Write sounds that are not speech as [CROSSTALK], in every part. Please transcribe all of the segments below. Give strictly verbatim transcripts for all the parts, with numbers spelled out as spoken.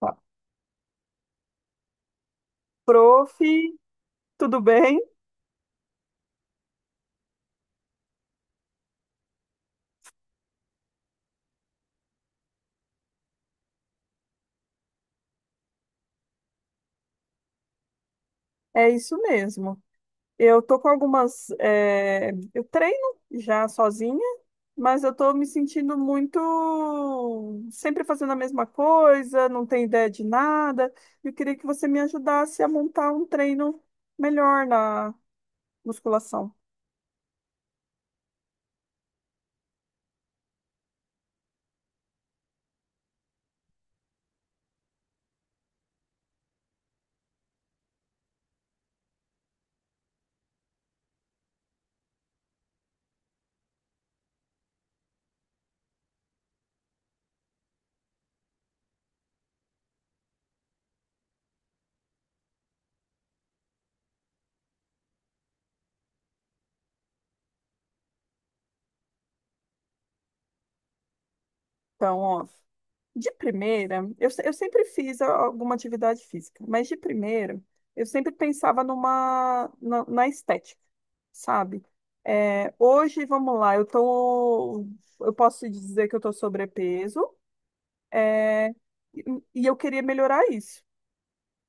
Ó, Prof, tudo bem? É isso mesmo. Eu tô com algumas. eh, Eu treino já sozinha, mas eu tô me sentindo muito. Sempre fazendo a mesma coisa, não tenho ideia de nada. Eu queria que você me ajudasse a montar um treino melhor na musculação. Então, ó, de primeira, eu, se- eu sempre fiz a- alguma atividade física, mas de primeira, eu sempre pensava numa, na na estética. Sabe? É, hoje, vamos lá, eu tô, eu posso dizer que eu tô sobrepeso e, e eu queria melhorar isso.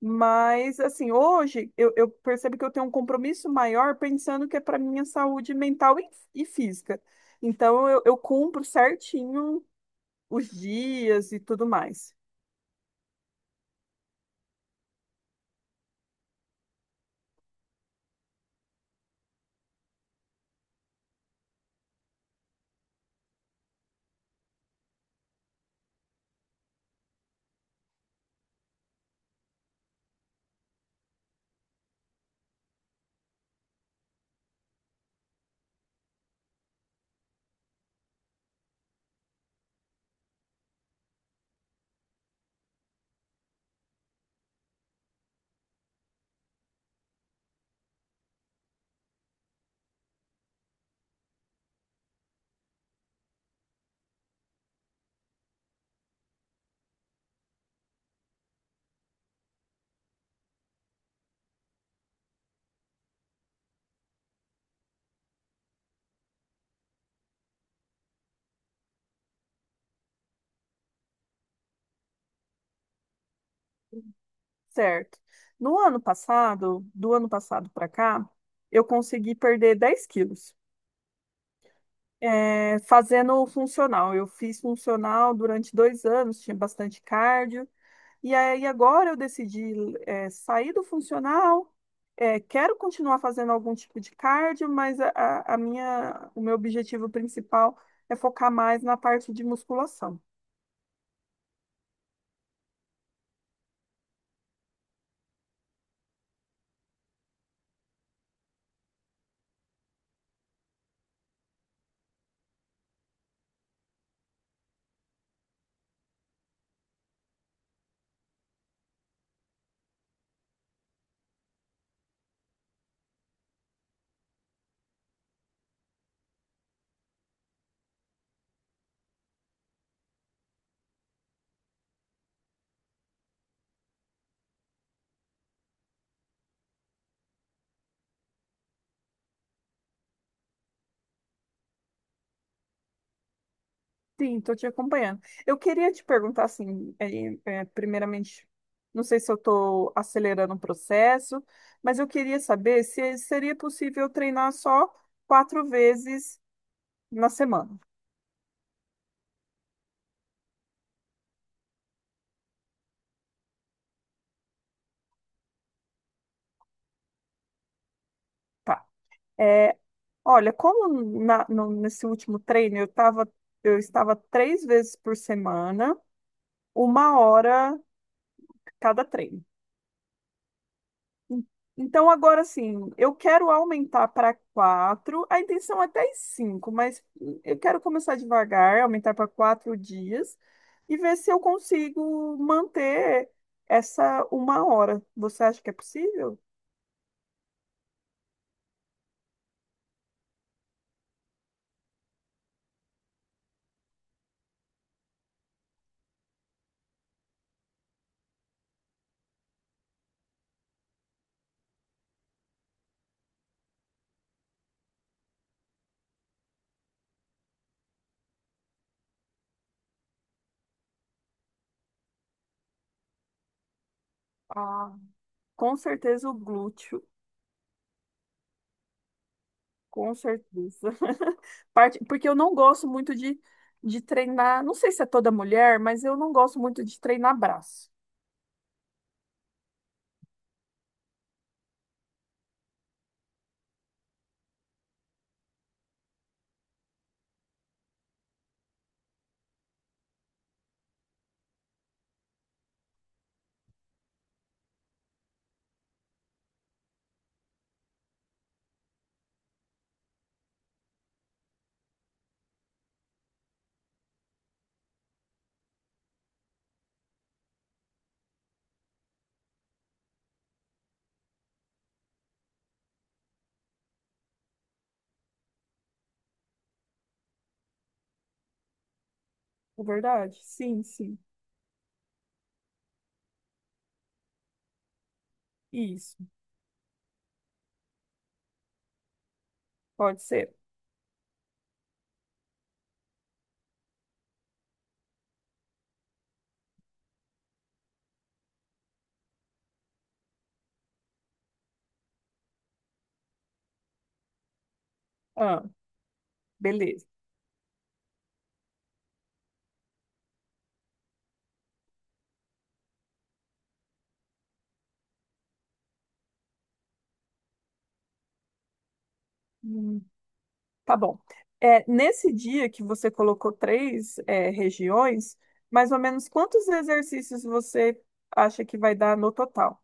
Mas, assim, hoje eu, eu percebo que eu tenho um compromisso maior pensando que é para minha saúde mental e, e física. Então, eu, eu cumpro certinho os dias e tudo mais, certo? No ano passado, do ano passado para cá, eu consegui perder dez quilos, é, fazendo funcional. Eu fiz funcional durante dois anos, tinha bastante cardio, e aí agora eu decidi, é, sair do funcional. é, quero continuar fazendo algum tipo de cardio, mas a, a a minha, o meu objetivo principal é focar mais na parte de musculação. Sim, estou te acompanhando. Eu queria te perguntar, assim, eh, eh, primeiramente, não sei se eu estou acelerando o processo, mas eu queria saber se seria possível treinar só quatro vezes na semana. Tá. É, olha, como na- no- nesse último treino eu tava, eu estava três vezes por semana, uma hora cada treino. Então, agora sim, eu quero aumentar para quatro. A intenção é até cinco, mas eu quero começar devagar, aumentar para quatro dias e ver se eu consigo manter essa uma hora. Você acha que é possível? Ah, com certeza o glúteo, com certeza. [LAUGHS] Parte, porque eu não gosto muito de, de treinar, não sei se é toda mulher, mas eu não gosto muito de treinar braço. É verdade? Sim, sim. Isso, pode ser. Ah, beleza. Hum, tá bom. É, nesse dia que você colocou três, é, regiões, mais ou menos quantos exercícios você acha que vai dar no total?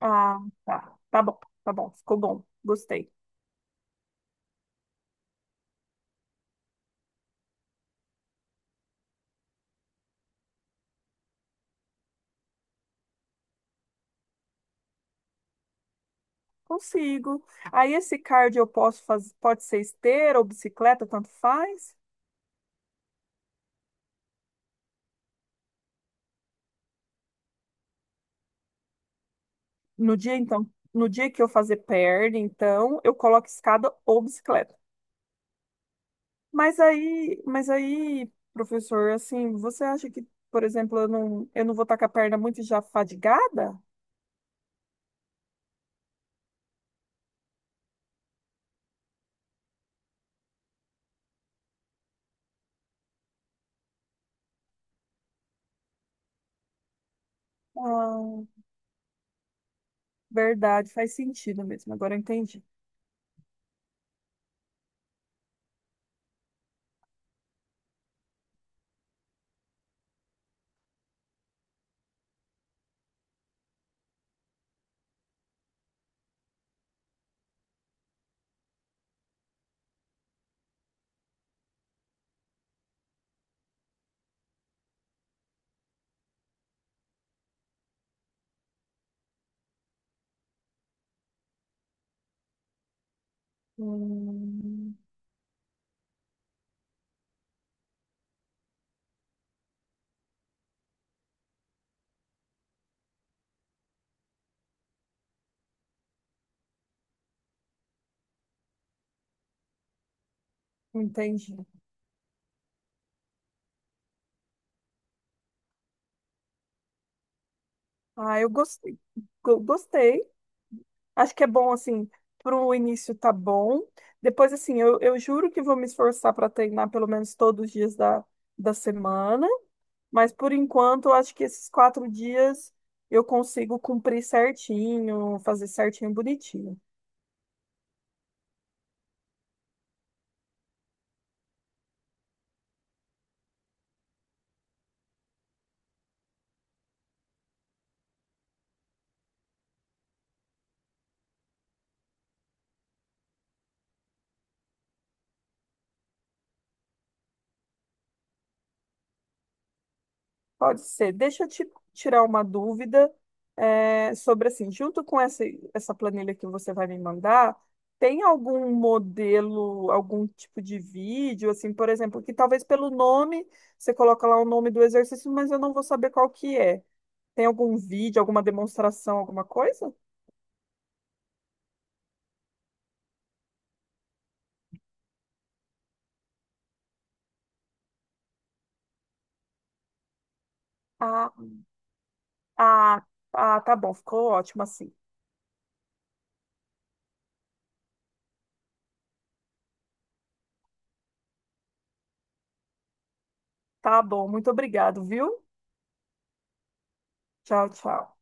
Ah, tá. Tá bom, tá bom. Ficou bom. Gostei. Consigo. Aí esse cardio eu posso fazer, pode ser esteira ou bicicleta, tanto faz. No dia, então, no dia que eu fazer perna, então, eu coloco escada ou bicicleta. Mas aí, mas aí, professor, assim, você acha que, por exemplo, eu não, eu não vou estar com a perna muito já fadigada? Ah, verdade, faz sentido mesmo. Agora eu entendi. Hum, entendi. Ah, eu gostei. Go- Gostei. Acho que é bom, assim, para o início tá bom. Depois, assim, eu, eu juro que vou me esforçar para treinar pelo menos todos os dias da, da semana. Mas por enquanto, eu acho que esses quatro dias eu consigo cumprir certinho, fazer certinho, bonitinho. Pode ser. Deixa eu te tirar uma dúvida, é, sobre assim, junto com essa, essa planilha que você vai me mandar, tem algum modelo, algum tipo de vídeo, assim, por exemplo, que talvez pelo nome, você coloca lá o nome do exercício, mas eu não vou saber qual que é. Tem algum vídeo, alguma demonstração, alguma coisa? Ah, ah, ah, tá bom, ficou ótimo assim. Tá bom, muito obrigado, viu? Tchau, tchau.